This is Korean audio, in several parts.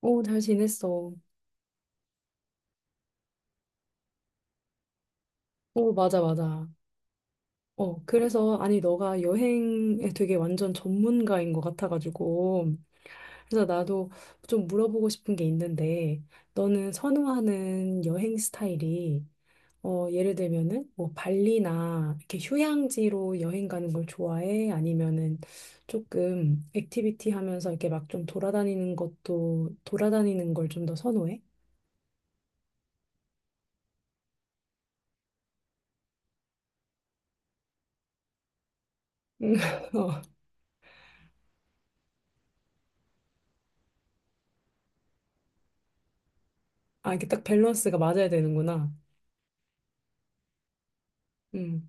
어, 잘 지냈어. 어, 맞아, 맞아. 어, 그래서, 아니, 너가 여행에 되게 완전 전문가인 것 같아가지고, 그래서 나도 좀 물어보고 싶은 게 있는데, 너는 선호하는 여행 스타일이, 어, 예를 들면은, 뭐, 발리나, 이렇게 휴양지로 여행 가는 걸 좋아해? 아니면은, 조금, 액티비티 하면서 이렇게 막 좀 돌아다니는 것도, 돌아다니는 걸 좀 더 선호해? 어. 아, 이게 딱 밸런스가 맞아야 되는구나. 음,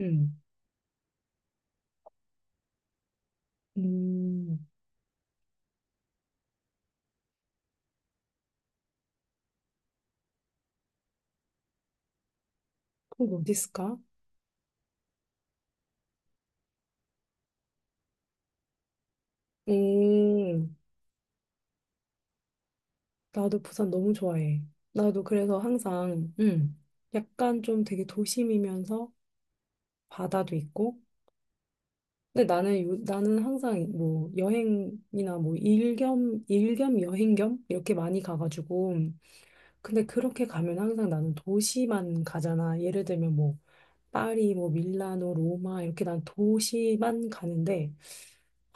음. 음, 그럼 어디 있을까? 음, 나도 부산 너무 좋아해. 나도 그래서 항상, 약간 좀 되게 도심이면서 바다도 있고. 근데 나는 항상 뭐 여행이나 뭐 일겸 여행 겸 이렇게 많이 가가지고. 근데 그렇게 가면 항상 나는 도시만 가잖아. 예를 들면 뭐 파리, 뭐 밀라노, 로마 이렇게 난 도시만 가는데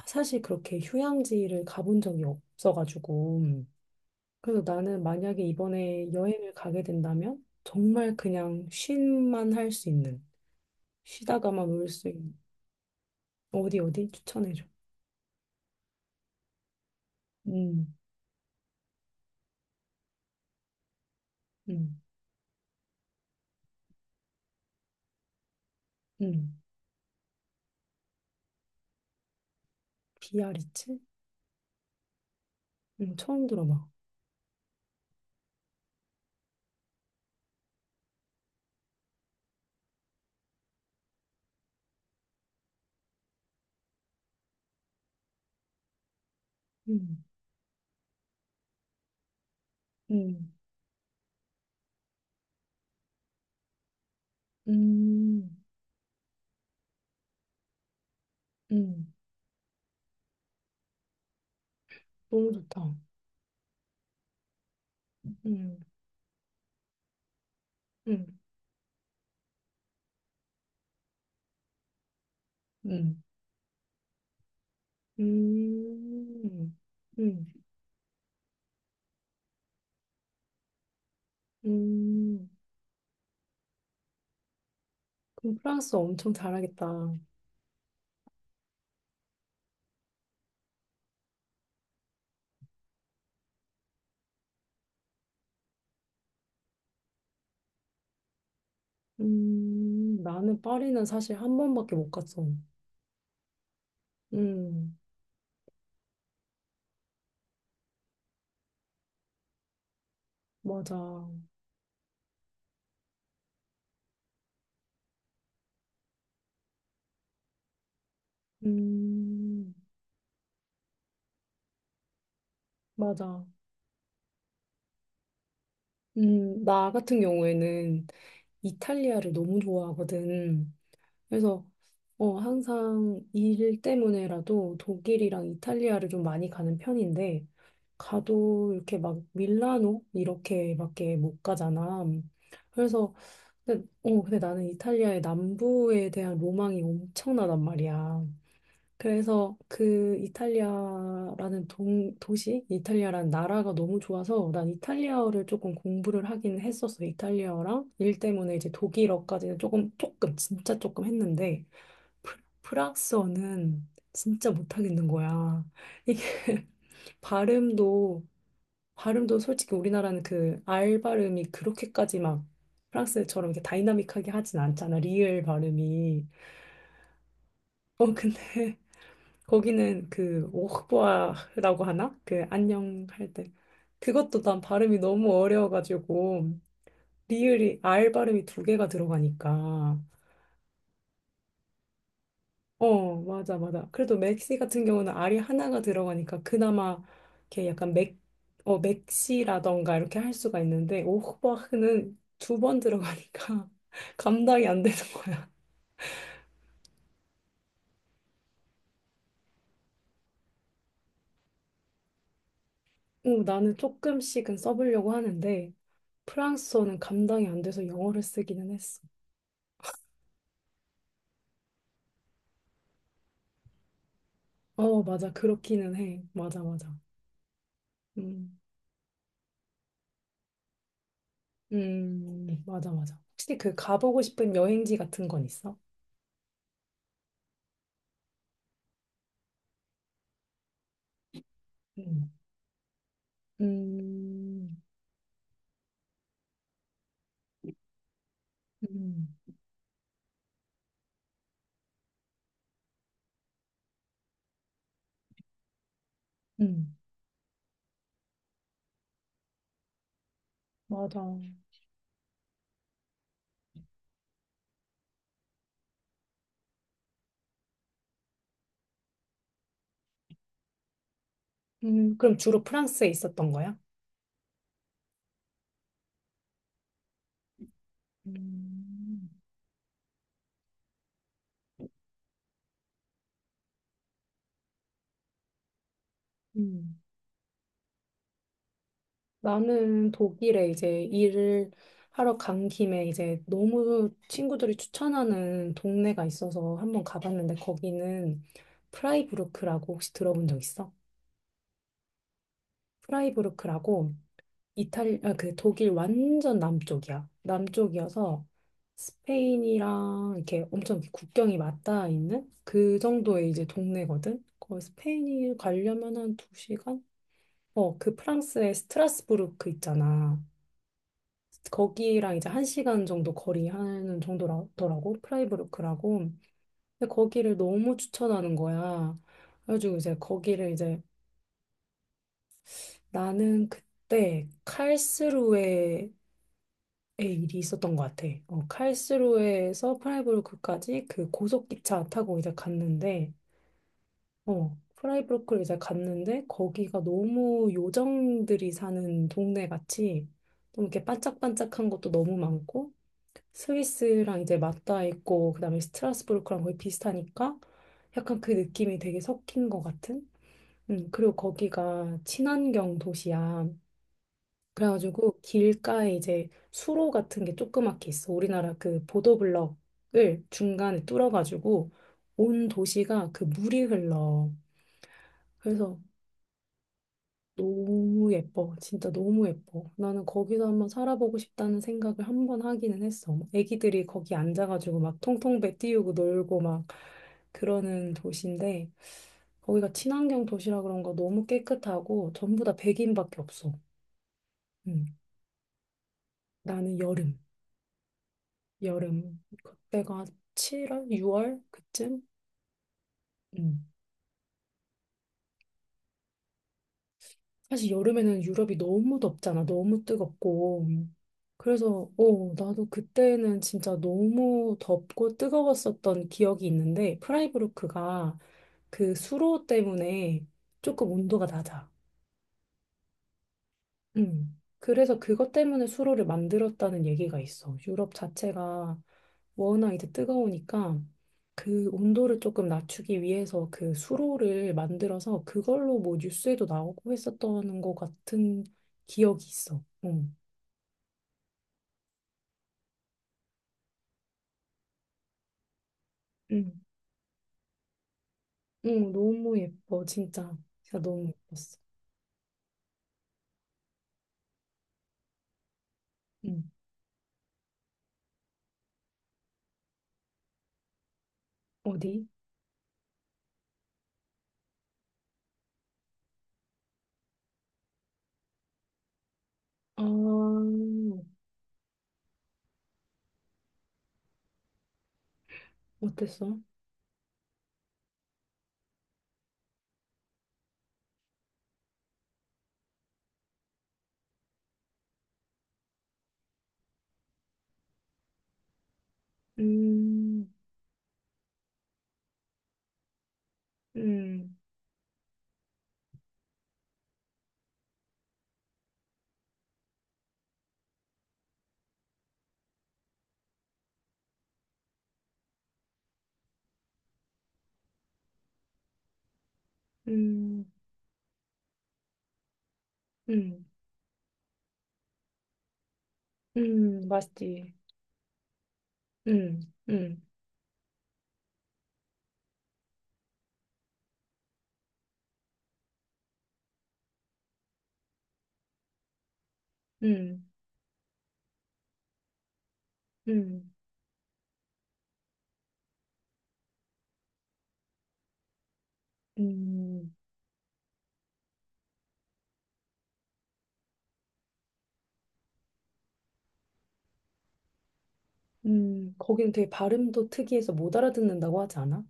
사실 그렇게 휴양지를 가본 적이 없어가지고. 그래서 나는 만약에 이번에 여행을 가게 된다면 정말 그냥 쉼만 할 수 있는 쉬다가만 올 수 있는 어디 어디 추천해줘. 음, 음, 음. 비아리츠? 처음 들어봐. 음, 음, 음, 음. 너무 좋다. 음, 음, 음, 음, 음, 음. 그럼 프랑스 엄청 잘하겠다. 나는 파리는 사실 한 번밖에 못 갔어. 음. 맞아. 음, 맞아. 나 같은 경우에는 이탈리아를 너무 좋아하거든. 그래서, 어, 항상 일 때문에라도 독일이랑 이탈리아를 좀 많이 가는 편인데, 가도 이렇게 막 밀라노? 이렇게밖에 못 가잖아. 그래서, 근데, 어, 근데 나는 이탈리아의 남부에 대한 로망이 엄청나단 말이야. 그래서 그 이탈리아라는 나라가 너무 좋아서 난 이탈리아어를 조금 공부를 하긴 했었어. 이탈리아어랑 일 때문에 이제 독일어까지는 진짜 조금 했는데 프- 프랑스어는 진짜 못하겠는 거야. 이게 발음도, 발음도 솔직히 우리나라는 그 R 발음이 그렇게까지 막 프랑스처럼 이렇게 다이나믹하게 하진 않잖아. 리을 발음이. 어, 근데 거기는 그 오흑보아라고 하나? 그 안녕 할 때. 그것도 난 발음이 너무 어려워가지고 리을이 R 발음이 두 개가 들어가니까. 어, 맞아, 맞아. 그래도 맥시 같은 경우는 R이 하나가 들어가니까 그나마 이렇게 약간 어, 맥시라던가 이렇게 할 수가 있는데 오흑보아는 두 번 들어가니까 감당이 안 되는 거야. 어, 나는 조금씩은 써보려고 하는데 프랑스어는 감당이 안 돼서 영어를 쓰기는 했어. 어, 맞아. 그렇기는 해. 맞아, 맞아. 음, 맞아, 맞아. 혹시 그 가보고 싶은 여행지 같은 건 있어? 음, 음, 음, 음, 맞아. 그럼 주로 프랑스에 있었던 거야? 음, 음. 나는 독일에 이제 일을 하러 간 김에 이제 너무 친구들이 추천하는 동네가 있어서 한번 가봤는데 거기는 프라이부르크라고 혹시 들어본 적 있어? 프라이부르크라고 그 독일 완전 남쪽이야. 남쪽이어서 스페인이랑 이렇게 엄청 이렇게 국경이 맞닿아 있는 그 정도의 이제 동네거든. 거기 스페인이 가려면 한 두시간 어, 그 프랑스의 스트라스부르크 있잖아. 거기랑 이제 한시간 정도 거리 하는 정도라더라고. 프라이부르크라고. 근데 거기를 너무 추천하는 거야. 그래가지고 이제 거기를 이제 나는 그때 칼스루에 예, 일이 있었던 것 같아. 어, 칼스루에서 프라이부르크까지 그 고속기차 타고 이제 갔는데, 어, 프라이부르크를 이제 갔는데, 거기가 너무 요정들이 사는 동네 같이, 좀 이렇게 반짝반짝한 것도 너무 많고, 스위스랑 이제 맞닿아 있고, 그 다음에 스트라스부르크랑 거의 비슷하니까, 약간 그 느낌이 되게 섞인 것 같은? 그리고 거기가 친환경 도시야. 그래가지고 길가에 이제 수로 같은 게 조그맣게 있어. 우리나라 그 보도블럭을 중간에 뚫어가지고 온 도시가 그 물이 흘러. 그래서 너무 예뻐. 진짜 너무 예뻐. 나는 거기서 한번 살아보고 싶다는 생각을 한번 하기는 했어. 막 애기들이 거기 앉아가지고 막 통통배 띄우고 놀고 막 그러는 도시인데 거기가 친환경 도시라 그런가 너무 깨끗하고 전부 다 백인밖에 없어. 응. 나는 여름. 여름 그때가 7월, 6월 그쯤? 음. 사실 여름에는 유럽이 너무 덥잖아. 너무 뜨겁고. 그래서 어, 나도 그때는 진짜 너무 덥고 뜨거웠었던 기억이 있는데 프라이부르크가 그 수로 때문에 조금 온도가 낮아. 음. 그래서 그것 때문에 수로를 만들었다는 얘기가 있어. 유럽 자체가 워낙 이제 뜨거우니까 그 온도를 조금 낮추기 위해서 그 수로를 만들어서 그걸로 뭐 뉴스에도 나오고 했었던 것 같은 기억이 있어. 응. 응. 응, 너무 예뻐, 진짜. 진짜 너무 예뻤어. 응. 어디? 아, 어땠어? 음, 음, 음, 음, 맛있지. 음, 음. 음, 음, 음, 거기는 되게 발음도 특이해서 못 알아듣는다고 하지 않아?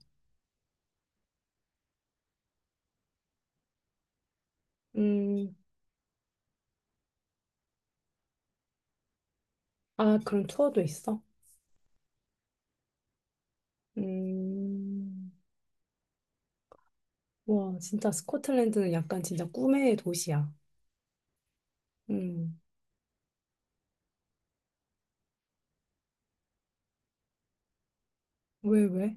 음, 아, 그런 투어도 있어? 음, 와, 진짜 스코틀랜드는 약간 진짜 꿈의 도시야. 음, 왜, 왜?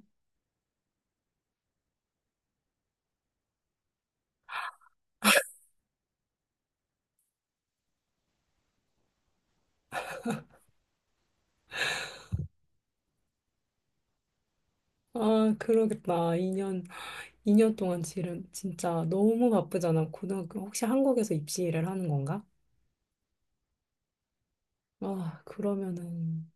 아, 그러겠다. 2년 동안 진짜 너무 바쁘잖아. 고등학교, 혹시 한국에서 입시를 하는 건가? 아, 그러면은,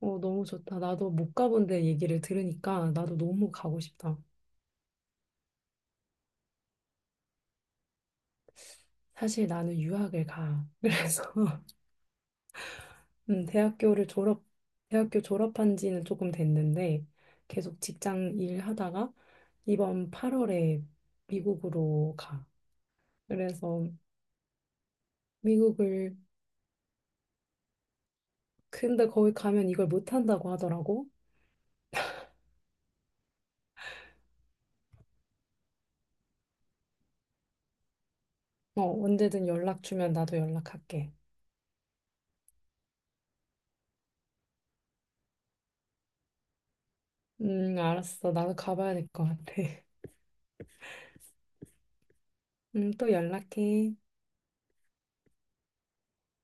어, 너무 좋다. 나도 못 가본 데 얘기를 들으니까 나도 너무 가고 싶다. 사실 나는 유학을 가. 그래서 음, 대학교를 졸업, 대학교 졸업한 지는 조금 됐는데 계속 직장 일하다가 이번 8월에 미국으로 가. 그래서 미국을 근데 거기 가면 이걸 못 한다고 하더라고. 어, 언제든 연락 주면 나도 연락할게. 알았어. 나도 가봐야 될 것 같아. 또 연락해.